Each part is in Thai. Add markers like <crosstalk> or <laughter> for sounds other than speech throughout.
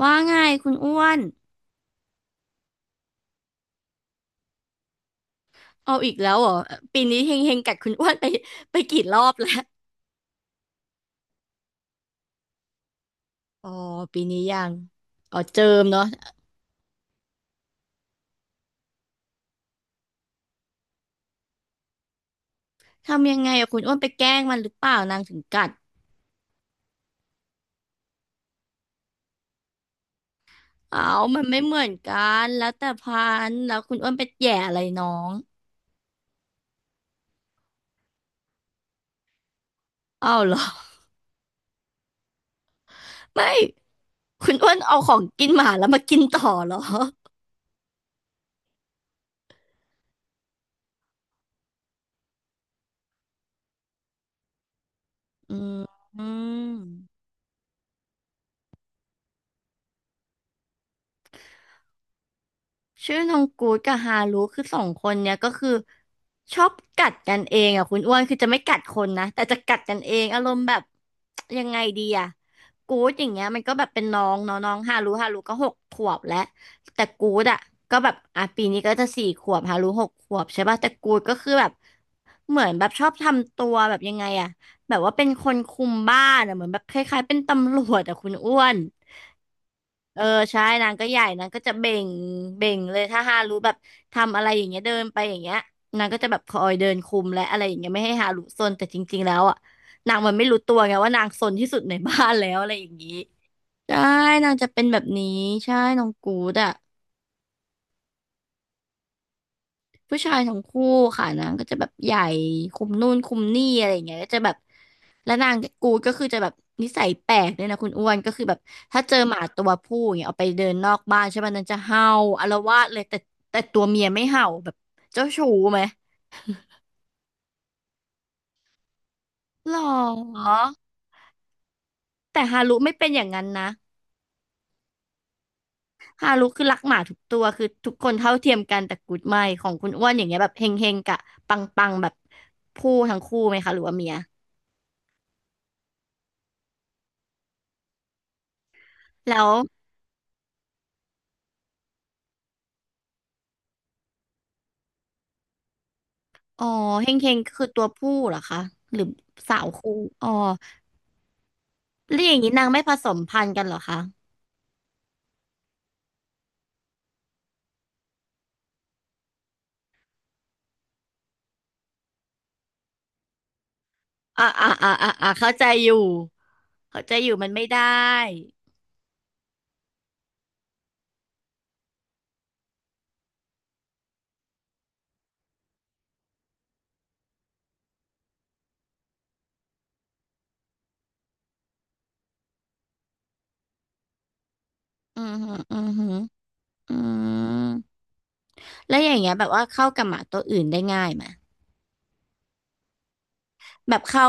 ว่าไงคุณอ้วนเอาอีกแล้วเหรอปีนี้เฮงเฮงกัดคุณอ้วนไปไปกี่รอบแล้วอ๋อปีนี้ยังอ๋อเจิมเนาะทำยังไงอะคุณอ้วนไปแกล้งมันหรือเปล่านางถึงกัดเอามันไม่เหมือนกันแล้วแต่พันธุ์แล้วคุณอ้วนไปแหย่อะไรน้องอ้าวเหรอไม่คุณอ้วนเอาของกินหมาแล้วมากินต่อเหรออืม ชื่อน้องกู๊ดกับฮารุคือสองคนเนี่ยก็คือชอบกัดกันเองอ่ะคุณอ้วนคือจะไม่กัดคนนะแต่จะกัดกันเองอารมณ์แบบยังไงดีอ่ะกู๊ดอย่างเงี้ยมันก็แบบเป็นน้องเนาะน้องฮารุฮารุก็หกขวบแล้วแต่กู๊ดอ่ะก็แบบอ่ะปีนี้ก็จะสี่ขวบฮารุหกขวบใช่ป่ะแต่กู๊ดก็คือแบบเหมือนแบบชอบทำตัวแบบยังไงอ่ะแบบว่าเป็นคนคุมบ้านอ่ะเหมือนแบบคล้ายๆเป็นตำรวจอ่ะคุณอ้วน เออใช่นางก็ใหญ่นางก็จะเบ่งเบ่งเลยถ้าฮารุแบบทำอะไรอย่างเงี้ยเดินไปอย่างเงี้ยนางก็จะแบบคอยเดินคุมและอะไรอย่างเงี้ยไม่ให้ฮารุซนแต่จริงๆแล้วอ่ะนางมันไม่รู้ตัวไงว่านางซนที่สุดในบ้านแล้วอะไรอย่างงี้ใช่นางจะเป็นแบบนี้ใช่น้องกูดอ่ะ ผู้ชายทั้งคู่ค่ะนางก็จะแบบใหญ่คุมนู่นคุมนี่อะไรอย่างเงี้ยก็จะแบบแล้วนางกูดก็คือจะแบบนิสัยแปลกเนี่ยนะคุณอ้วนก็คือแบบถ้าเจอหมาตัวผู้อย่างเงี้ยเอาไปเดินนอกบ้านใช่ป่ะนางจะเห่าอาละวาดเลยแต่ตัวเมียไม่เห่าแบบเจ้าชู้ไหมหรอแต่ฮารุไม่เป็นอย่างนั้นนะฮารุคือรักหมาทุกตัวคือทุกคนเท่าเทียมกันแต่กูดไม่ของคุณอ้วนอย่างเงี้ยแบบเฮงเฮงกะปังปังๆแบบผู้ทั้งคู่ไหมคะหรือว่าเมียแล้ว อ๋อเฮงเฮงคือตัวผู้เหรอคะหรือสาวคู่อ๋อแล้วอย่างนี้นางไม่ผสมพันธุ์กันเหรอคะอ่าอ่าอ่าอ่าอ่าเข้าใจอยู่เข้าใจอยู่มันไม่ได้อือหืออือหืออืมแล้วอย่างเงี้ยแบบว่าเข้ากับหมาตัวอื่นได้ง่ายไหมแบบเข้า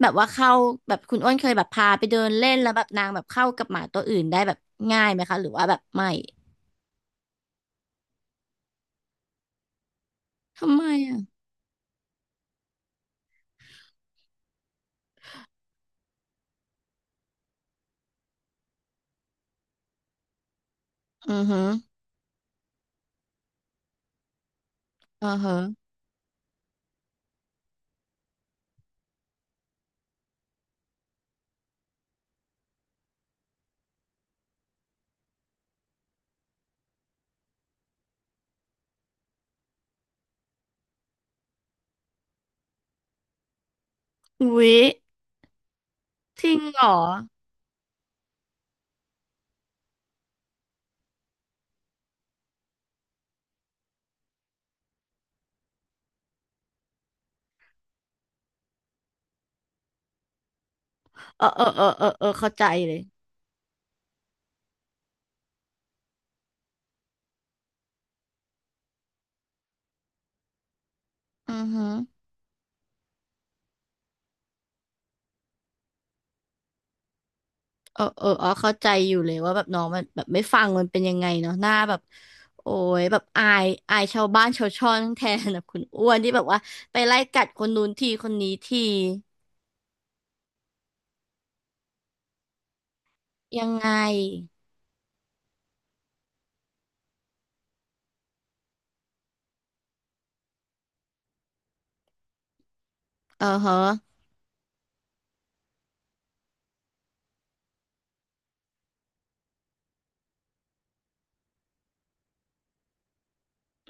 แบบว่าเข้าแบบคุณอ้วนเคยแบบพาไปเดินเล่นแล้วแบบนางแบบเข้ากับหมาตัวอื่นได้แบบง่ายไหมคะหรือว่าแบบไม่ทำไมอ่ะอือหืออือหืออุ๊ยจริงเหรอ เออเออเออเออเออเข้าใจเลยอือหืเออเอออ๋อเข้าใจอยู่เลยว่าแบบน้องมันแบบไม่ฟังมันเป็นยังไงเนาะหน้าแบบโอ้ยแบบอายอายชาวบ้านชาวช่องแทนแบบคุณอ้วนที่แบบว่าไปไล่กัดคนนู้นทีคนนี้ทียังไงเออฮะ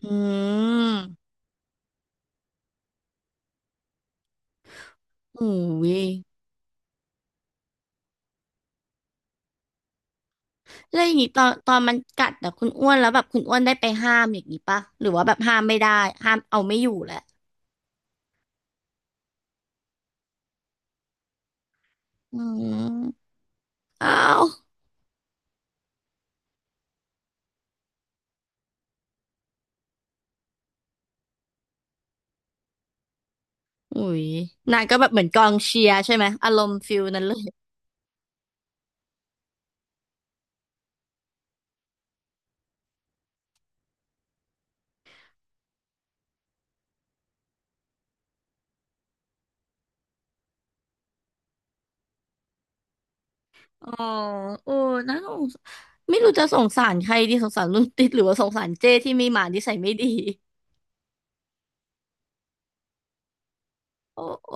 อืมโอ้ยแล้วอย่างงี้ตอนมันกัดอะคุณอ้วนแล้วแบบคุณอ้วนได้ไปห้ามอย่างงี้ปะหรือว่าแบบห้ามไม่ได้ห้ามเอาไม่อยู่แหละอืมอ้าว อุ้ยนางก็แบบเหมือนกองเชียร์ใช่ไหมอารมณ์ฟิลนั้นเลยอ๋อโอ้น่าสงสไม่รู้จะสงสารใครดีสงสารรุ่นติดหรือว่าสงสารเจ้ที่มีหมานิสัยไม่ดีโอ้โอ้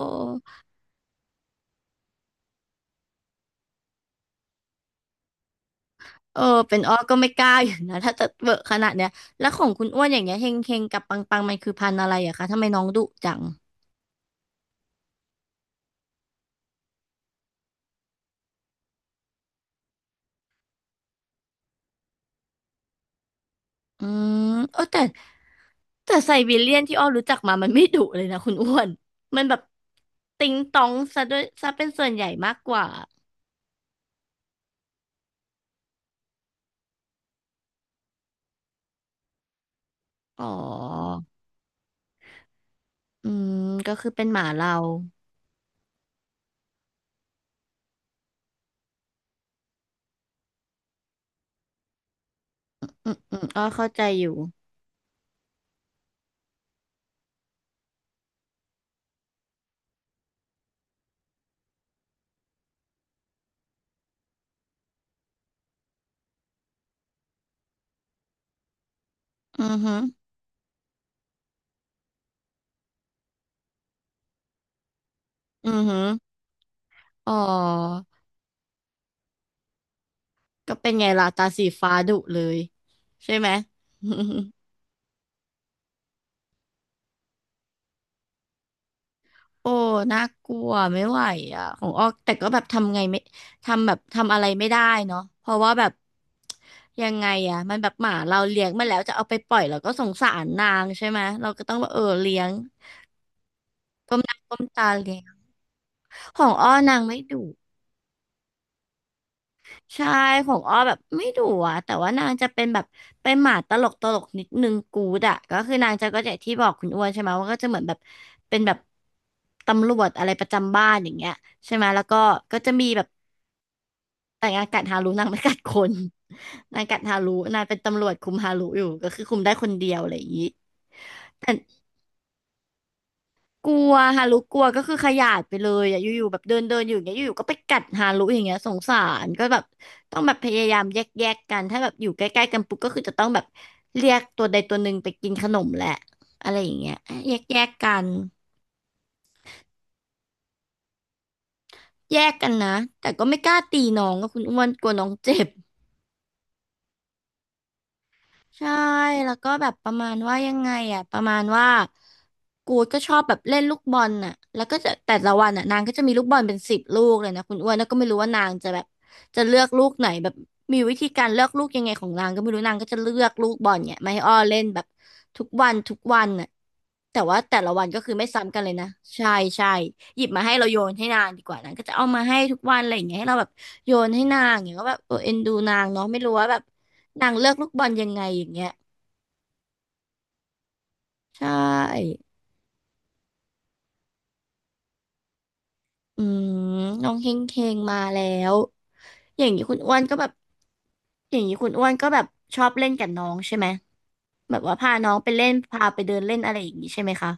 เออเป็นอ้อก็ไม่กล้าอยู่นะถ้าจะเวอะขนาดเนี้ยแล้วของคุณอ้วนอย่างเงี้ยเฮงเฮงกับปังปังมันคือพันธุ์อะไรอะคะทำไมน้องดุจังอืมเออแต่ไซบีเรียนที่อ้อรู้จักมามันไม่ดุเลยนะคุณอ้วนมันแบบติงตองซะด้วยซะเป็นส่วนใหญ่มากกว่าอ๋อ อืมก็คือเป็นหมาเราอืมอืมอ้อเข้าใจอยู่อือหืออือหืออ๋อก็เป็นไงล่ะตาสีฟ้าดุเลยใช่ไหม <laughs> โอ้น่ากลัวไม่ไหวอ่ะของอ้อแต่ก็แบบทำไงไม่ทำแบบทำอะไรไม่ได้เนาะเพราะว่าแบบยังไงอ่ะมันแบบหมาเราเลี้ยงมาแล้วจะเอาไปปล่อยเราก็สงสารนางใช่ไหมเราก็ต้องแบบเออเลี้ยงก้มหน้าก้มตาเลี้ยงของอ้อนางไม่ดุ ใช่ของอ้อแบบไม่ดุอะแต่ว่านางจะเป็นแบบเป็นหมาตลกตลกนิดนึงกูดอะก็คือนางจะก็จะที่บอกคุณอ้วนใช่ไหมว่าก็จะเหมือนแบบเป็นแบบตำรวจอะไรประจำบ้านอย่างเงี้ยใช่ไหมแล้วก็ก็จะมีแบบแต่งงานกัดฮารุนางไม่กัดคน <laughs> นางกัดฮารุนางเป็นตำรวจคุมฮารุอยู่ก็คือคุมได้คนเดียวอะไรอย่างงี้แต่ กลัวฮารุกลัวก็คือขยาดไปเลยอ่ะอยู่ๆแบบเดินเดินอยู่อย่างเงี้ยอยู่ๆก็ไปกัดฮารุอย่างเงี้ยสงสารก็แบบต้องแบบพยายามแยกกันถ้าแบบอยู่ใกล้ๆกันปุ๊บก็คือจะต้องแบบเรียกตัวใดตัวหนึ่งไปกินขนมแหละอะไรอย่างเงี้ยแยกกันแยกกันนะแต่ก็ไม่กล้าตีน้องก็คุณอ้วนกลัวน้องเจ็บ ใช่ แล้วก็แบบประมาณว่ายังไงอ่ะประมาณว่ากูดก็ชอบแบบเล่นลูกบอลน่ะแล้วก็จะแต่ละวันอ่ะนางก็จะมีลูกบอลเป็นสิบลูกเลยนะคุณอ้วนแล้วก็ไม่รู้ว่านางจะแบบจะเลือกลูกไหนแบบมีวิธีการเลือกลูกยังไงของนางก็ไม่รู้นางก็จะเลือกลูกบอลเนี่ยมาให้อ้อเล่นแบบทุกวันทุกวันน่ะแต่ว่าแต่ละวันก็คือไม่ซ้ำกันเลยนะใช่ใช่หยิบมาให้เราโยนให้นางดีกว่านางก็จะเอามาให้ทุกวันอะไรอย่างเงี้ยให้เราแบบโยนให้นางอย่างเงี้ยก็แบบเออเอ็นดูนางเนาะไม่รู้ว่าแบบ นางเลือกลูกบอลยังไงอย่างเงี้ยใช่อืมน้องเฮงเฮงมาแล้วอย่างนี้คุณอ้วนก็แบบอย่างนี้คุณอ้วนก็แบบชอบเล่นกับน้องใช่ไหมแบบว่าพาน้องไปเล่นพาไปเดินเล่นอะไรอย่างนี้ใช่ไหมคะ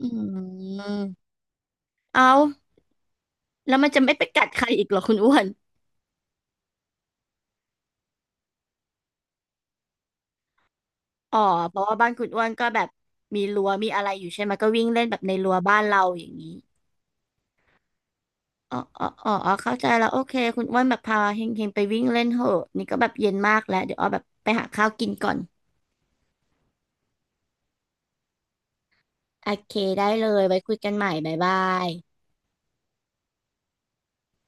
อืมเอาแล้วมันจะไม่ไปกัดใครอีกเหรอคุณอ้วนอ๋อเพราะว่าบ้านคุณอ้วนก็แบบมีรั้วมีอะไรอยู่ใช่ไหมก็วิ่งเล่นแบบในรั้วบ้านเราอย่างนี้ อ๋ออ๋อ อ๋อ อ๋อ เข้าใจแล้วโอเคคุณอ้วนแบบพาเฮงเฮงไปวิ่งเล่นเหอะนี่ก็แบบเย็นมากแล้วเดี๋ยวอ้อแบบไปหาข้าวกินก่อนโอเคได้เลยไว้คุยกันใหม่บ๊ายบาย